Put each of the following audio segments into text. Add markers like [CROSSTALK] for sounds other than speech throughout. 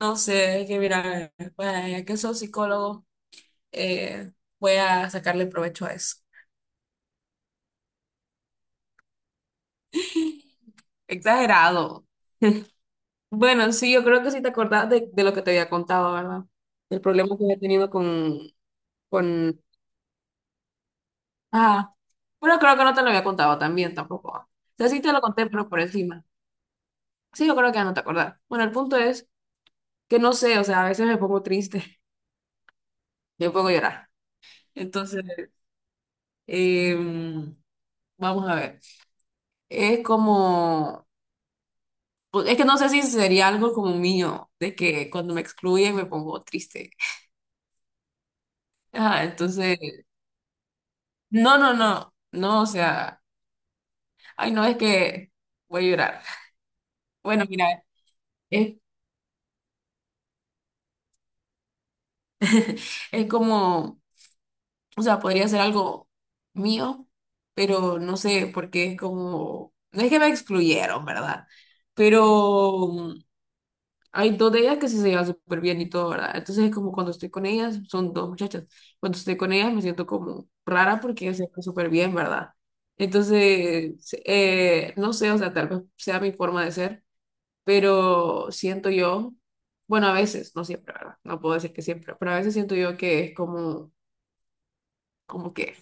No sé, es que mira, pues, ya que soy psicólogo, eh, voy a sacarle provecho a eso. [LAUGHS] Exagerado. [LAUGHS] Bueno, sí, yo creo que sí te acordás de lo que te había contado, ¿verdad? El problema que había tenido con... Ah, bueno, creo que no te lo había contado también tampoco. ¿Ah? O sea, sí te lo conté, pero por encima. Sí, yo creo que ya no te acordás. Bueno, el punto es que no sé, o sea, a veces me pongo triste, [LAUGHS] me pongo a llorar. Entonces, em, vamos a ver. Es como... Pues, es que no sé si sería algo como mío, de que cuando me excluyen me pongo triste. [LAUGHS] Ajá, entonces, no, o sea, ay, no, es que voy a llorar. Bueno, mira, es, es como, o sea, podría ser algo mío, pero no sé, porque es como, no es que me excluyeron, ¿verdad? Pero hay dos de ellas que sí se llevan súper bien y todo, ¿verdad? Entonces es como cuando estoy con ellas, son dos muchachas, cuando estoy con ellas me siento como rara porque ellas se llevan súper bien, ¿verdad? Entonces, no sé, o sea, tal vez sea mi forma de ser, pero siento yo, bueno, a veces, no siempre, ¿verdad? No puedo decir que siempre, pero a veces siento yo que es como, como que,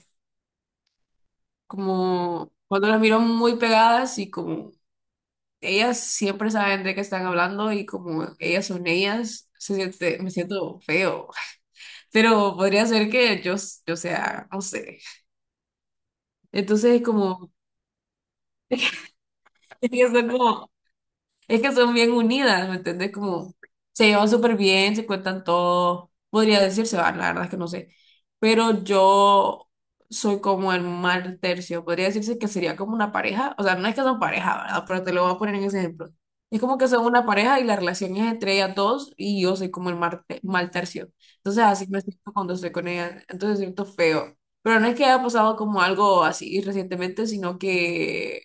como cuando las miro muy pegadas y como ellas siempre saben de qué están hablando y como ellas son ellas, se siente, me siento feo. Pero podría ser que yo, yo sea, no sé. Entonces, como, [LAUGHS] pienso como, es que son bien unidas, ¿me entendés? Como se llevan súper bien, se cuentan todo. Podría decirse, va, la verdad es que no sé. Pero yo soy como el mal tercio. Podría decirse que sería como una pareja. O sea, no es que son pareja, ¿verdad? Pero te lo voy a poner en ese ejemplo. Es como que son una pareja y la relación es entre ellas dos y yo soy como el mal tercio. Entonces así me siento cuando estoy con ellas. Entonces siento feo. Pero no es que haya pasado como algo así recientemente, sino que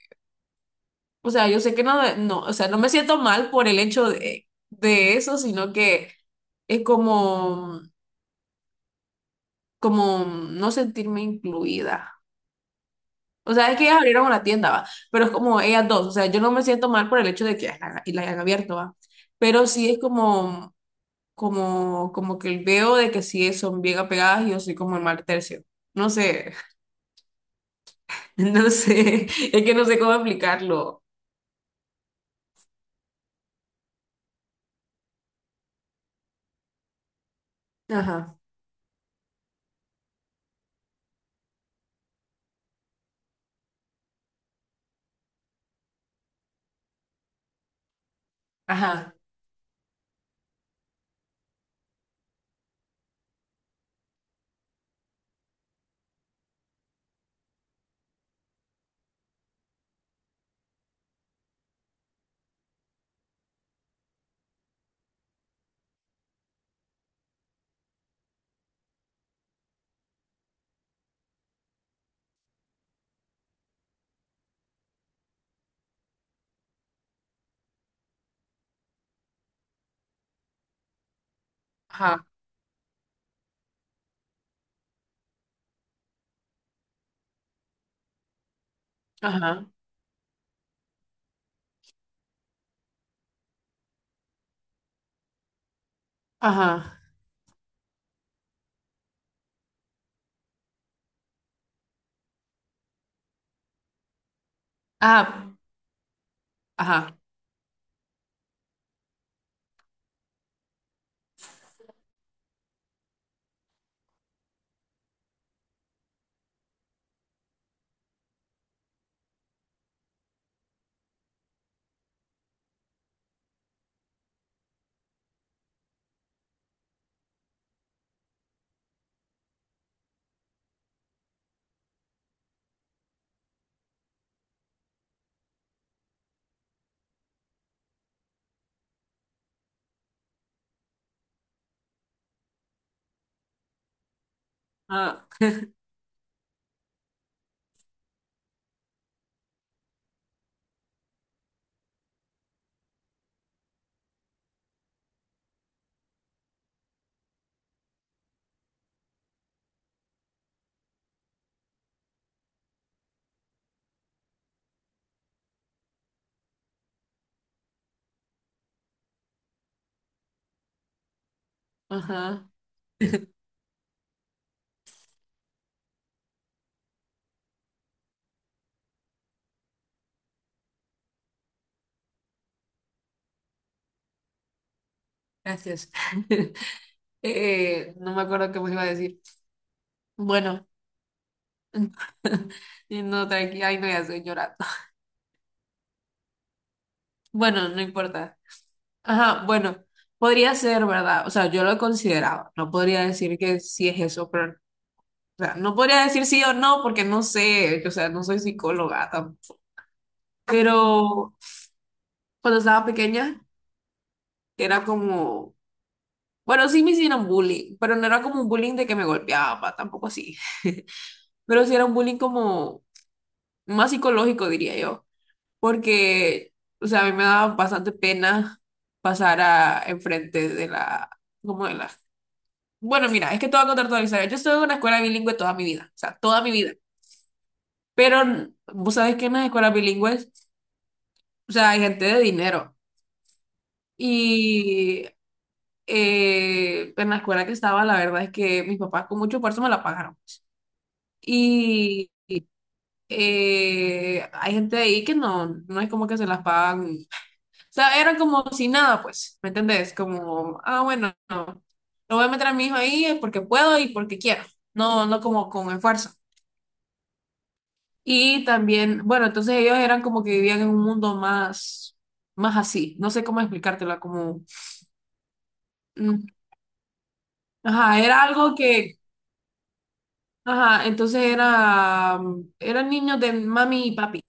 o sea, yo sé que no, no, o sea, no me siento mal por el hecho de eso, sino que es como, como no sentirme incluida. O sea, es que ellas abrieron una tienda, va, pero es como ellas dos, o sea, yo no me siento mal por el hecho de que ellas y la hayan abierto, va, pero sí es como, como que veo de que sí son bien apegadas y yo soy como el mal tercio. No sé, [LAUGHS] no sé, es que no sé cómo explicarlo. Ajá, ajá, ajá, ajá, ajá, ajá, ajá. Ah, ajá, gracias. [LAUGHS] No me acuerdo qué me iba a decir. Bueno, [LAUGHS] y no, tranqui, ay, no, ya estoy llorando. [LAUGHS] Bueno, no importa. Ajá, bueno, podría ser, ¿verdad? O sea, yo lo consideraba. No podría decir que sí es eso, pero, o sea, no podría decir sí o no porque no sé, o sea, no soy psicóloga tampoco. Pero cuando estaba pequeña, era como, bueno, sí me hicieron bullying, pero no era como un bullying de que me golpeaba, tampoco así. Pero sí era un bullying como más psicológico, diría yo, porque, o sea, a mí me daba bastante pena pasar a enfrente de la, como de la... Bueno, mira, es que te voy a contar toda la historia. Yo estuve en una escuela bilingüe toda mi vida, o sea, toda mi vida, pero vos sabés que en las escuelas bilingües, o sea, hay gente de dinero y en la escuela que estaba, la verdad es que mis papás con mucho esfuerzo me la pagaron. Y hay gente ahí que no, no es como que se las pagan sea, era como si nada, pues, ¿me entendés? Como, ah, bueno, no, lo voy a meter a mi hijo ahí porque puedo y porque quiero, no, no como con esfuerzo. Y también, bueno, entonces ellos eran como que vivían en un mundo más, más así, no sé cómo explicártela, como, mm, ajá, era algo que, ajá, entonces era, mm, eran niños de mami y papi.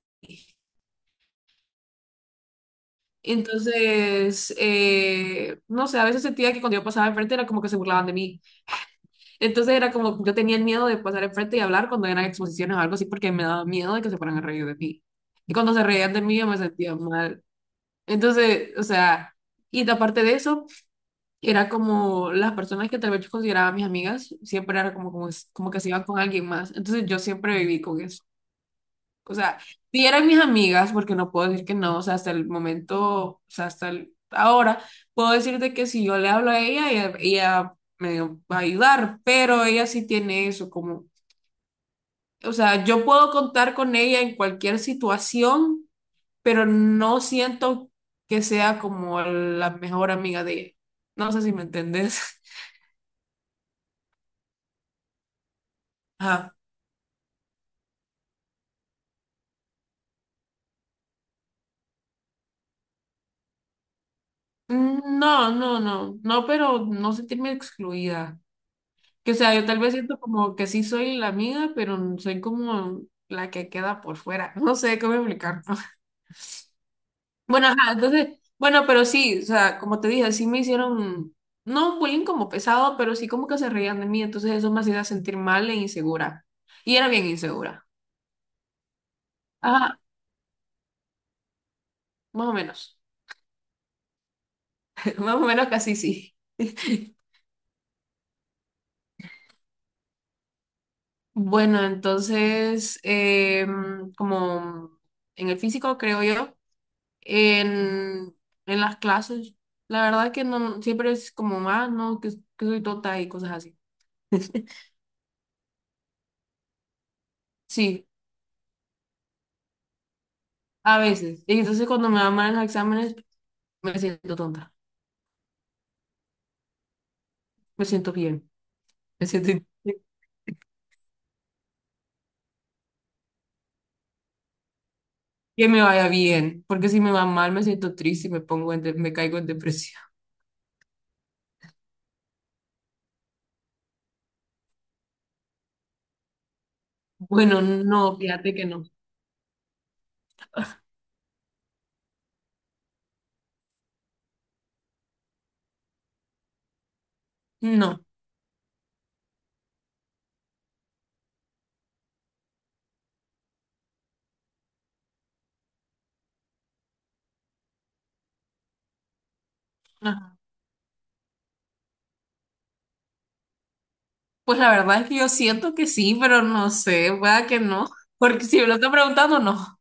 Entonces, no sé, a veces sentía que cuando yo pasaba enfrente era como que se burlaban de mí. Entonces era como, yo tenía el miedo de pasar enfrente y hablar cuando eran exposiciones o algo así, porque me daba miedo de que se fueran a reír de mí. Y cuando se reían de mí, yo me sentía mal. Entonces, o sea, y aparte de eso, era como las personas que tal vez yo consideraba mis amigas, siempre era como, como que se iban con alguien más. Entonces yo siempre viví con eso. O sea, sí eran mis amigas, porque no puedo decir que no, o sea, hasta el momento, o sea, ahora, puedo decirte que si yo le hablo a ella, ella me va a ayudar, pero ella sí tiene eso como, o sea, yo puedo contar con ella en cualquier situación, pero no siento que sea como la mejor amiga de ella. No sé si me entendés. [LAUGHS] Ajá. Mm, no, no, pero no sentirme excluida. Que o sea, yo tal vez siento como que sí soy la amiga, pero soy como la que queda por fuera. [LAUGHS] No sé cómo explicar. [LAUGHS] Bueno, ajá, entonces, bueno, pero sí, o sea, como te dije, sí me hicieron, no bullying como pesado, pero sí como que se reían de mí, entonces eso me hacía sentir mal e insegura. Y era bien insegura. Ajá, más o menos. [LAUGHS] Más o menos casi sí. [LAUGHS] Bueno, entonces, como en el físico, creo yo. en, en las clases. La verdad que no, siempre es como más, ¿no? Que soy tonta y cosas así. Sí, a veces. Y entonces cuando me van mal en los exámenes, me siento tonta, me siento bien, me siento in- que me vaya bien, porque si me va mal me siento triste y me pongo me caigo en depresión. [LAUGHS] Bueno, no, fíjate que no. No. Ajá. Pues la verdad es que yo siento que sí, pero no sé, pueda que no, porque si me lo están preguntando, no.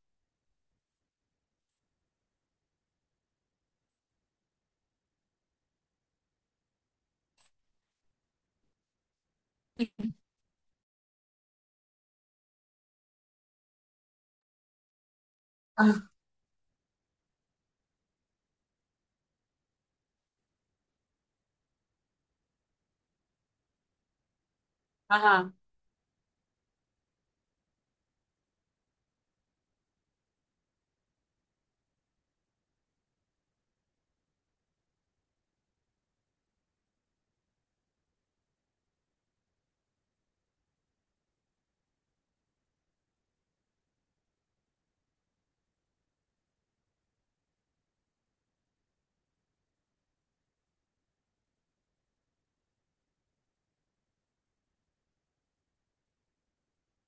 Ajá. Ajá.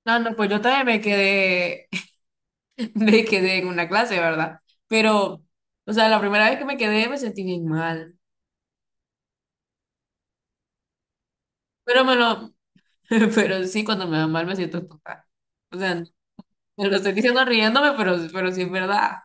No, no, pues yo también me quedé en una clase, ¿verdad? Pero, o sea, la primera vez que me quedé me sentí bien mal. Pero me lo, [LAUGHS] pero sí, cuando me va mal me siento total. O sea, me lo estoy diciendo riéndome, pero sí es verdad.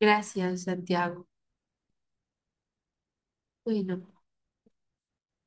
Gracias, Santiago. Bueno.